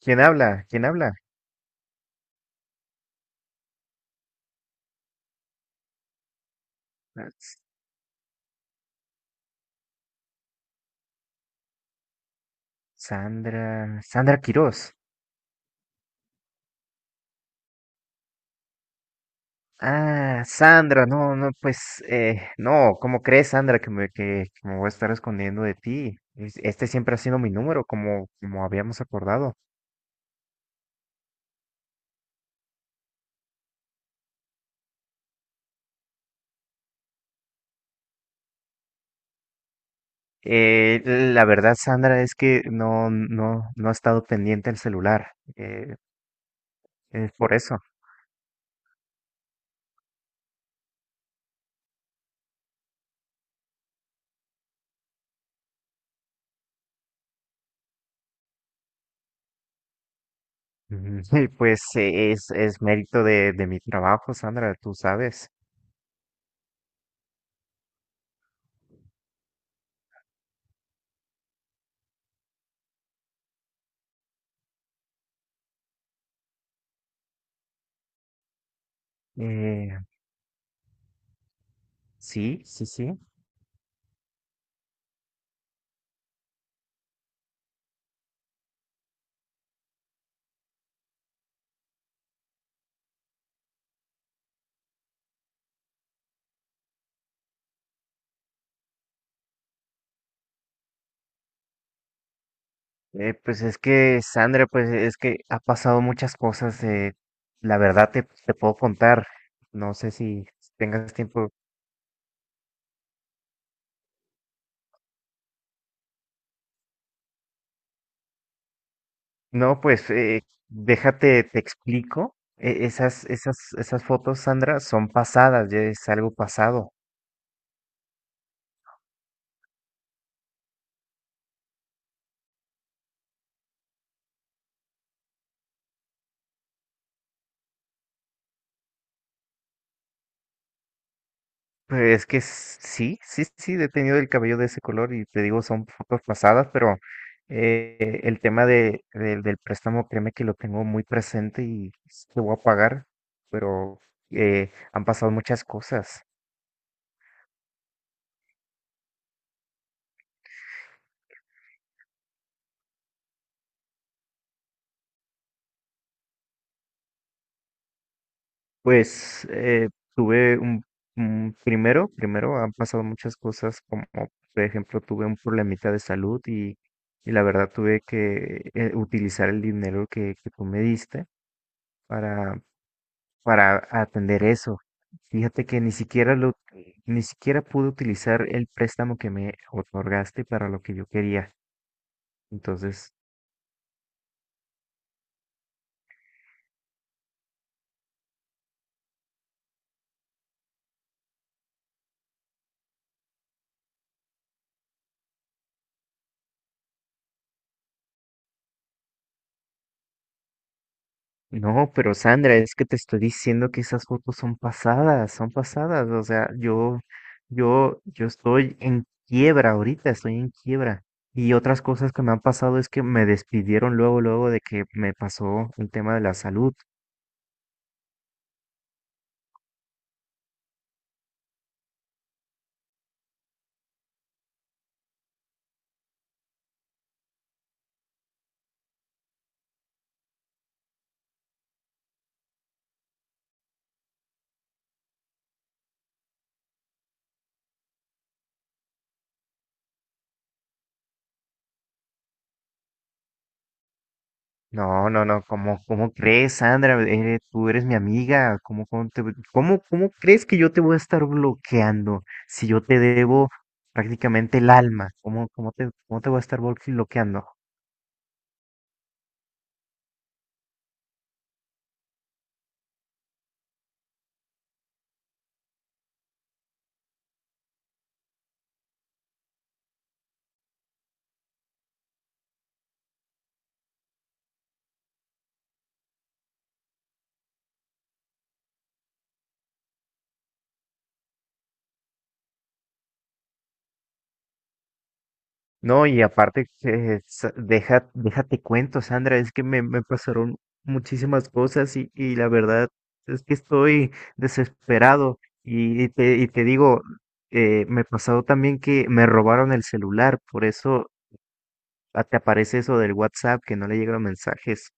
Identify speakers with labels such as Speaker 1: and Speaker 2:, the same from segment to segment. Speaker 1: ¿Quién habla? ¿Quién habla? Ah, S- Sandra, Sandra Quirós. Ah, Sandra, no, no, ¿cómo crees, Sandra, que me voy a estar escondiendo de ti? Este siempre ha sido mi número, como habíamos acordado. La verdad, Sandra, es que no ha estado pendiente el celular. Es por eso. Ujú. Y pues es mérito de mi trabajo, Sandra, tú sabes. Eh, sí. Pues es que, Sandra, pues es que ha pasado muchas cosas. La verdad te puedo contar. No sé si tengas tiempo. No, déjate, te explico. Esas fotos, Sandra, son pasadas, ya es algo pasado. Pues, es que sí, he tenido el cabello de ese color y te digo, son fotos pasadas, pero el tema de, del préstamo, créeme que lo tengo muy presente y lo voy a pagar, pero han pasado muchas cosas. Pues eh, tuve un, primero, primero han pasado muchas cosas, como por ejemplo tuve un problemita de salud y la verdad tuve que utilizar el dinero que tú me diste para para atender eso. Fíjate que ni siquiera lo, Ni siquiera pude utilizar el préstamo que me otorgaste para lo que yo quería. Entonces, no, pero Sandra, es que te estoy diciendo que esas fotos son pasadas, son pasadas. O sea, yo estoy en quiebra ahorita, estoy en quiebra. Y otras cosas que me han pasado es que me despidieron luego, luego de que me pasó el tema de la salud. No, no, no, ¿cómo, cómo crees, Sandra? Tú eres mi amiga. ¿Cómo cómo crees que yo te voy a estar bloqueando si yo te debo prácticamente el alma? ¿Cómo cómo te voy a estar bloqueando? No, y aparte, déjate cuento, Sandra, es que me pasaron muchísimas cosas y la verdad es que estoy desesperado. Y, y te digo, me pasó también que me robaron el celular, por eso. Ah, te aparece eso del WhatsApp, que no le llegan los mensajes.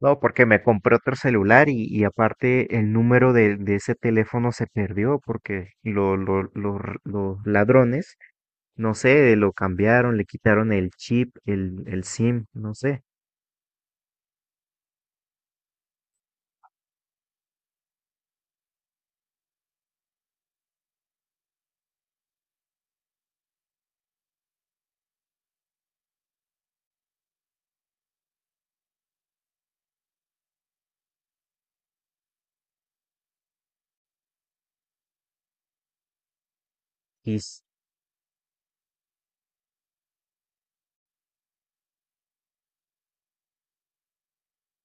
Speaker 1: No, porque me compré otro celular y aparte el número de ese teléfono se perdió porque los ladrones, no sé, lo cambiaron, le quitaron el chip, el SIM, no sé. Y s-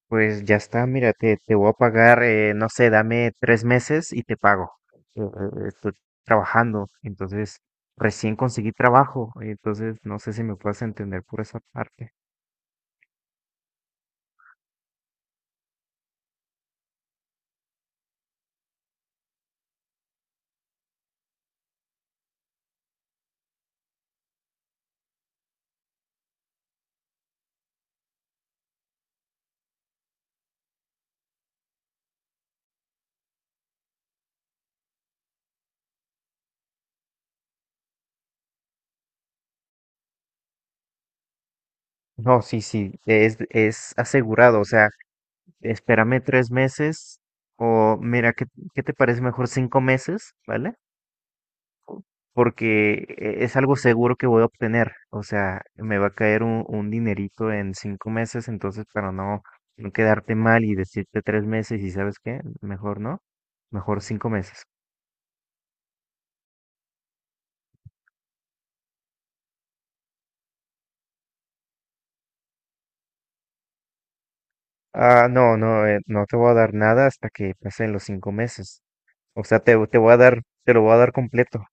Speaker 1: pues ya está, mira, te voy a pagar, no sé, dame tres meses y te pago. Estoy trabajando, entonces recién conseguí trabajo, entonces no sé si me puedes entender por esa parte. No, sí, sí, es asegurado, o sea, espérame tres meses o mira, ¿qué te parece mejor cinco meses? ¿Vale? Porque es algo seguro que voy a obtener, o sea, me va a caer un dinerito en cinco meses, entonces para no, no quedarte mal y decirte tres meses y sabes qué, mejor no, mejor cinco meses. Ah, no, no, no te voy a dar nada hasta que pasen los cinco meses, o sea, te lo voy a dar completo.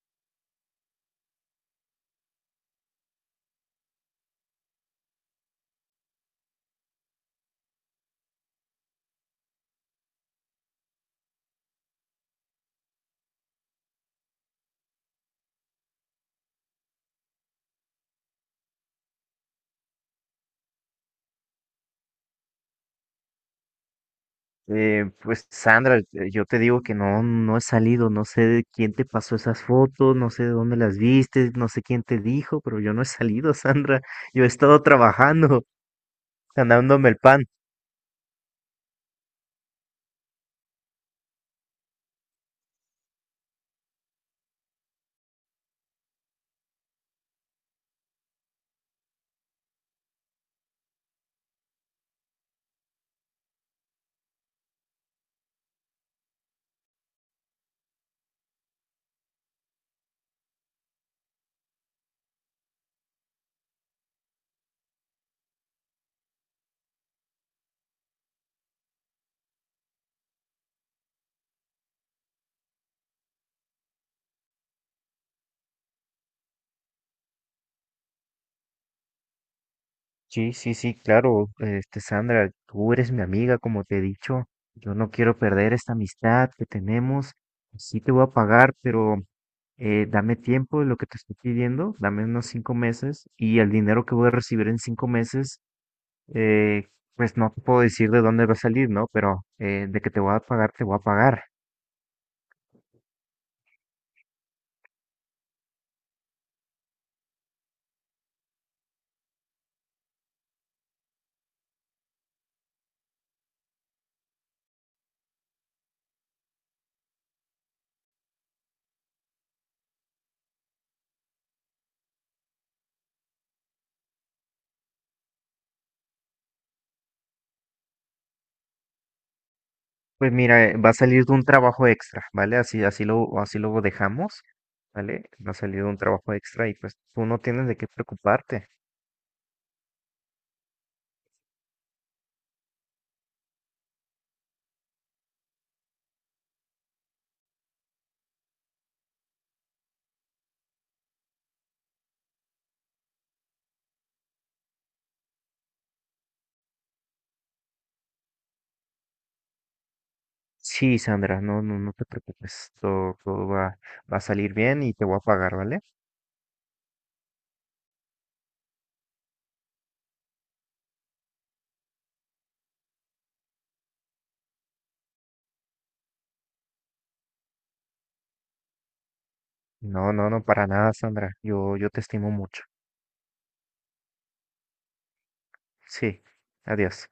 Speaker 1: Pues Sandra, yo te digo que no, no he salido, no sé de quién te pasó esas fotos, no sé de dónde las viste, no sé quién te dijo, pero yo no he salido, Sandra. Yo he estado trabajando, ganándome el pan. Sí, sí, sí, claro, este, Sandra, tú eres mi amiga, como te he dicho. Yo no quiero perder esta amistad que tenemos. Sí te voy a pagar, pero dame tiempo de lo que te estoy pidiendo, dame unos cinco meses y el dinero que voy a recibir en cinco meses, eh, pues no te puedo decir de dónde va a salir, ¿no? Pero de que te voy a pagar, te voy a pagar. Pues mira, va a salir de un trabajo extra, ¿vale? Así, así lo dejamos, ¿vale? Va a salir de un trabajo extra y pues tú no tienes de qué preocuparte. Sí, Sandra, no, no, no te preocupes. Todo, va a salir bien y te voy a pagar, ¿vale? No, no, no, para nada, Sandra. Yo te estimo mucho. Sí, adiós.